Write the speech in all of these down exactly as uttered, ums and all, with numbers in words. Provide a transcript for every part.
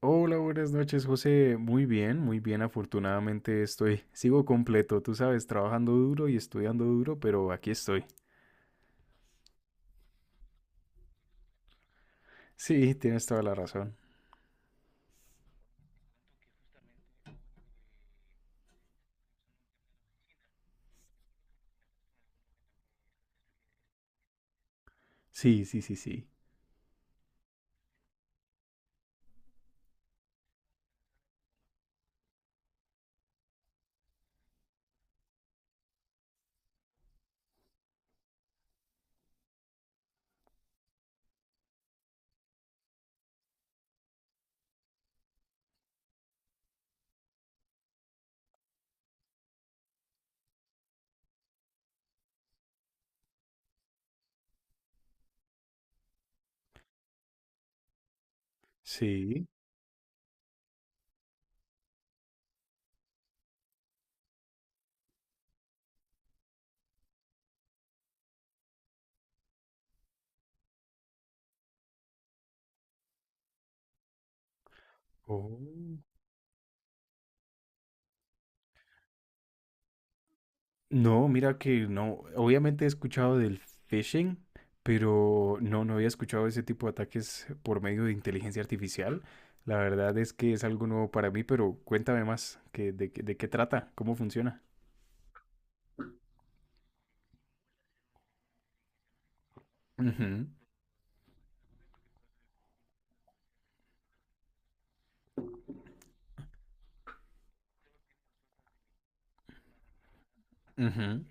Hola, buenas noches, José. Muy bien, muy bien. Afortunadamente estoy, sigo completo, tú sabes, trabajando duro y estudiando duro, pero aquí estoy. Sí, tienes toda la razón. Sí, sí, sí, sí. Sí. Oh. No, mira que no. Obviamente he escuchado del phishing, pero no, no había escuchado ese tipo de ataques por medio de inteligencia artificial. La verdad es que es algo nuevo para mí, pero cuéntame más, que, de, ¿qué- de qué trata? ¿Cómo funciona? Ujú, ujú.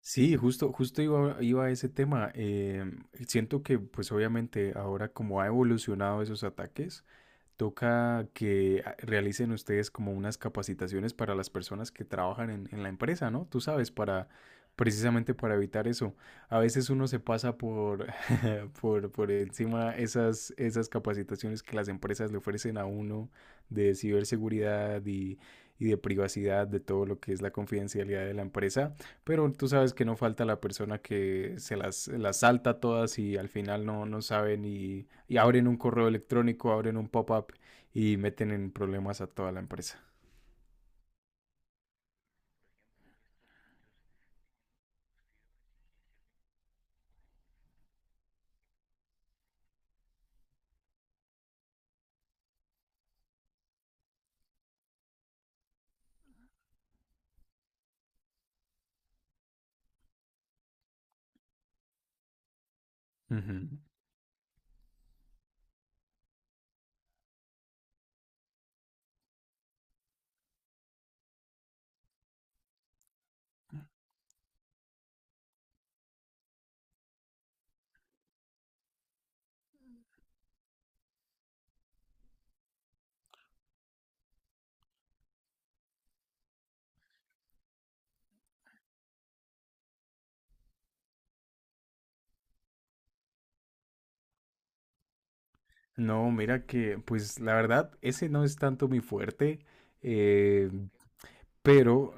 Sí, justo, justo iba, iba a ese tema. Em, siento que, pues obviamente, ahora como ha evolucionado esos ataques, toca que ah, realicen ustedes como unas capacitaciones para las personas que trabajan en, en la empresa, ¿no? Tú sabes, para precisamente para evitar eso. A veces uno se pasa por, por, por encima esas, esas capacitaciones que las empresas le ofrecen a uno de ciberseguridad y, y de privacidad, de todo lo que es la confidencialidad de la empresa, pero tú sabes que no falta la persona que se las, las salta todas y al final no, no sabe ni y abren un correo electrónico, abren un pop-up y meten en problemas a toda la empresa. Ujú. No, mira que, pues la verdad, ese no es tanto mi fuerte, eh, pero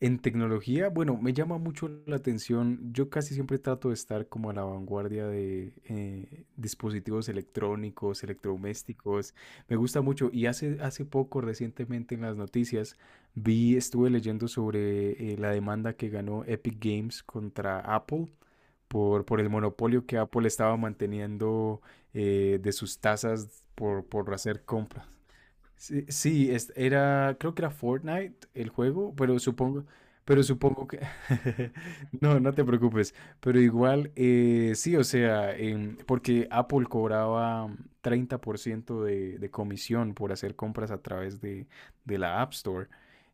en tecnología, bueno, me llama mucho la atención. Yo casi siempre trato de estar como a la vanguardia de eh, dispositivos electrónicos, electrodomésticos. Me gusta mucho. Y hace, hace poco, recientemente en las noticias, vi, estuve leyendo sobre eh, la demanda que ganó Epic Games contra Apple por, por el monopolio que Apple estaba manteniendo eh, de sus tasas por, por hacer compras. Sí, sí, es- era, creo que era Fortnite el juego, pero supongo, pero supongo que, no, no te preocupes, pero igual, eh, sí, o sea, em, porque Apple cobraba mm, treinta por ciento de, de comisión por hacer compras a través de, de la App Store,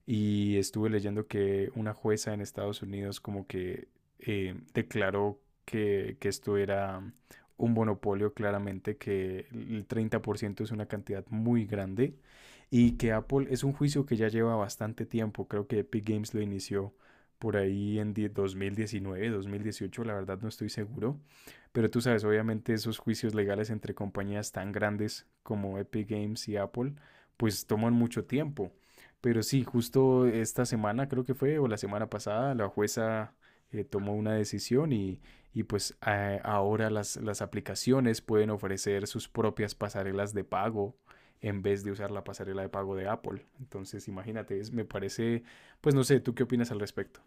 y estuve leyendo que una jueza en Estados Unidos como que eh, declaró que, que esto era mm, un monopolio, claramente, que el treinta por ciento es una cantidad muy grande y que Apple es un juicio que ya lleva bastante tiempo, creo que Epic Games lo inició por ahí en dos mil diecinueve dos mil dieciocho, la verdad no estoy seguro, pero tú sabes, obviamente esos juicios legales entre compañías tan grandes como Epic Games y Apple, pues toman mucho tiempo. Pero sí, justo esta semana creo que fue, o la semana pasada, la jueza eh, tomó una decisión y, y pues eh, ahora las, las aplicaciones pueden ofrecer sus propias pasarelas de pago en vez de usar la pasarela de pago de Apple. Entonces, imagínate, es, me parece, pues no sé, ¿tú qué opinas al respecto?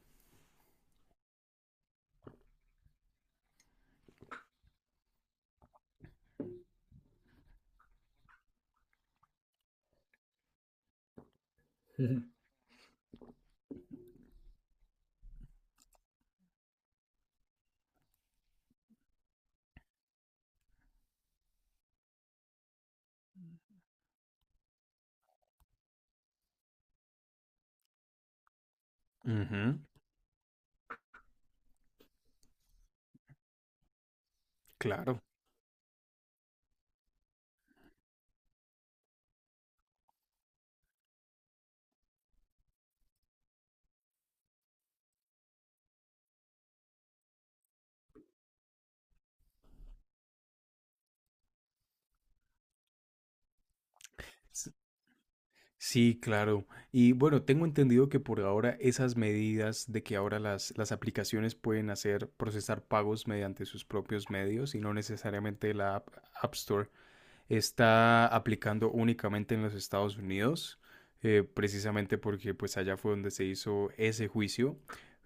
Ujú, claro. S- Sí, claro. Y bueno, tengo entendido que por ahora esas medidas de que ahora las, las aplicaciones pueden hacer procesar pagos mediante sus propios medios y no necesariamente la App App Store está aplicando únicamente en los Estados Unidos, eh, precisamente porque pues allá fue donde se hizo ese juicio.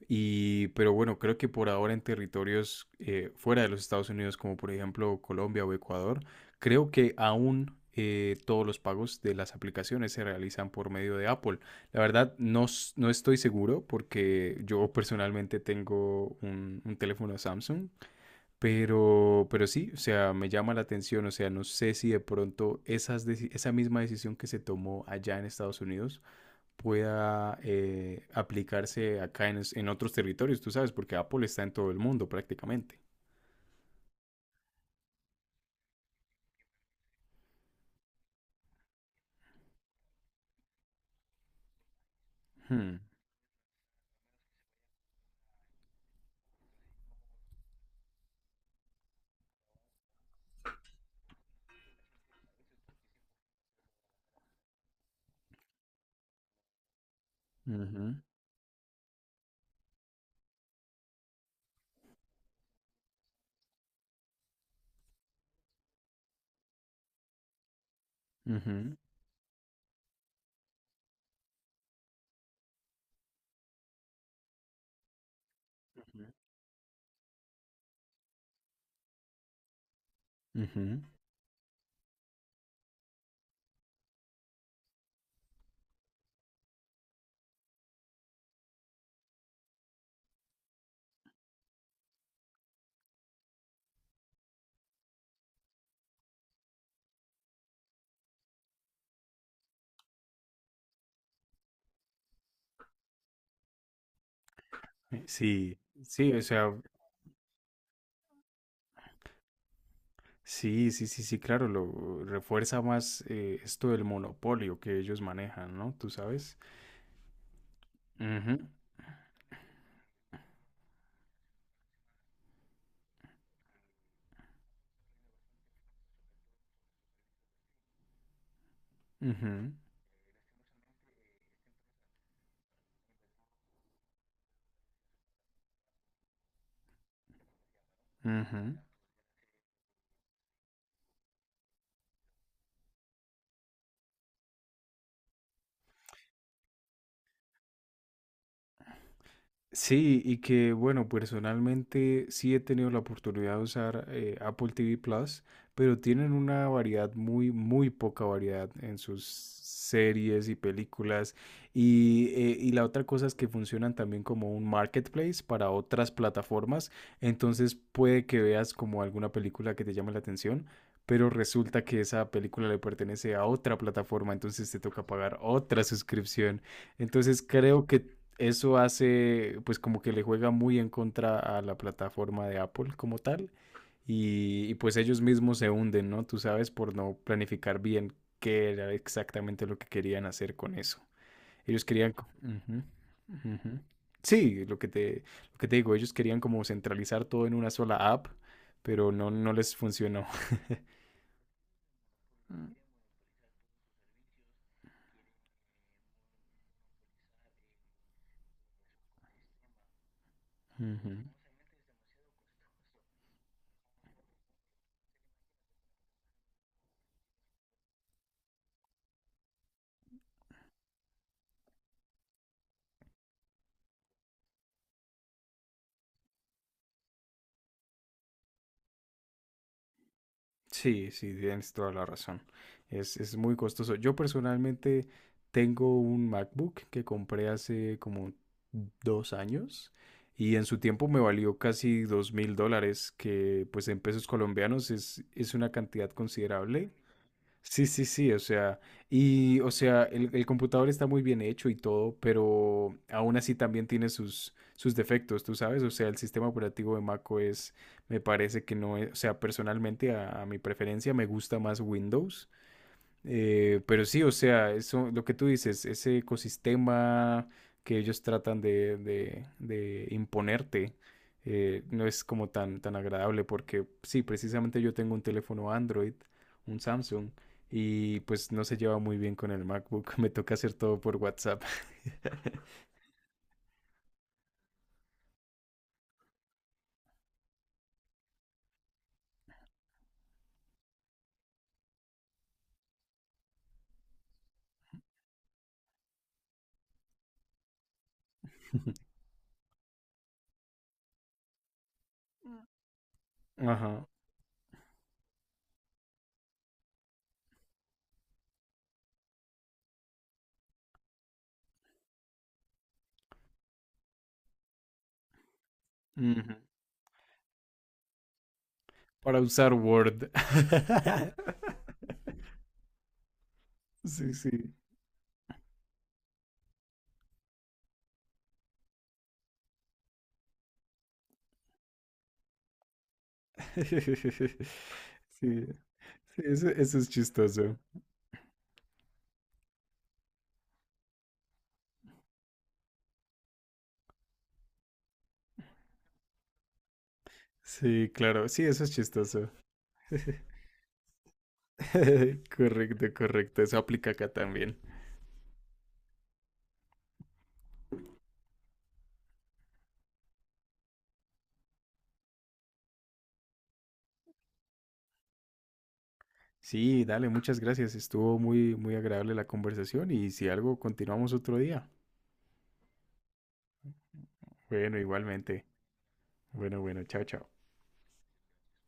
Y, pero bueno, creo que por ahora en territorios eh, fuera de los Estados Unidos, como por ejemplo Colombia o Ecuador, creo que aún eh, todos los pagos de las aplicaciones se realizan por medio de Apple. La verdad, no, no estoy seguro porque yo personalmente tengo un, un teléfono Samsung, pero, pero sí, o sea, me llama la atención, o sea, no sé si de pronto esas deci- esa misma decisión que se tomó allá en Estados Unidos pueda eh, aplicarse acá en, es- en otros territorios, tú sabes, porque Apple está en todo el mundo prácticamente. Hmm, ujú, ujú, ujú, ujú. Eh, Sí, sí, o sea, sí, sí, sí, sí, claro, lo refuerza más eh, esto del monopolio que ellos manejan, ¿no? Tú sabes. Ujú, ujú, ujú. Sí, y que bueno, personalmente sí he tenido la oportunidad de usar eh, Apple T V Plus, pero tienen una variedad muy, muy poca variedad en sus series y películas. Y, eh, y la otra cosa es que funcionan también como un marketplace para otras plataformas. Entonces puede que veas como alguna película que te llame la atención, pero resulta que esa película le pertenece a otra plataforma, entonces te toca pagar otra suscripción. Entonces creo que eso hace, pues como que le juega muy en contra a la plataforma de Apple como tal. Y, y, pues ellos mismos se hunden, ¿no? Tú sabes, por no planificar bien qué era exactamente lo que querían hacer con eso. Ellos querían... Uh -huh, uh -huh. Sí, lo que te, lo que te digo, ellos querían como centralizar todo en una sola app, pero no, no les funcionó. Uh -huh. Sí, sí, tienes toda la razón. Es, es muy costoso. Yo personalmente tengo un MacBook que compré hace como dos años y en su tiempo me valió casi dos mil dólares, que pues en pesos colombianos es, es una cantidad considerable. Sí, sí, sí, o sea, y, o sea, el, el computador está muy bien hecho y todo, pero aún así también tiene sus, sus defectos, tú sabes, o sea, el sistema operativo de Mac O S me parece que no es, o sea, personalmente a, a mi preferencia me gusta más Windows, eh, pero sí, o sea, eso, lo que tú dices, ese ecosistema que ellos tratan de, de- de imponerte, eh, no es como tan, tan agradable porque sí, precisamente yo tengo un teléfono Android, un Samsung, y pues no se lleva muy bien con el MacBook, me toca hacer todo por WhatsApp. Ajá. Ujú. Para usar Word. Sí, sí. Sí, sí, eso, eso es chistoso. Sí, claro, sí, eso es chistoso. Correcto, correcto, eso aplica acá también. Sí, dale, muchas gracias. Estuvo muy, muy agradable la conversación y si algo, continuamos otro día. Bueno, igualmente. Bueno, bueno, chao, chao.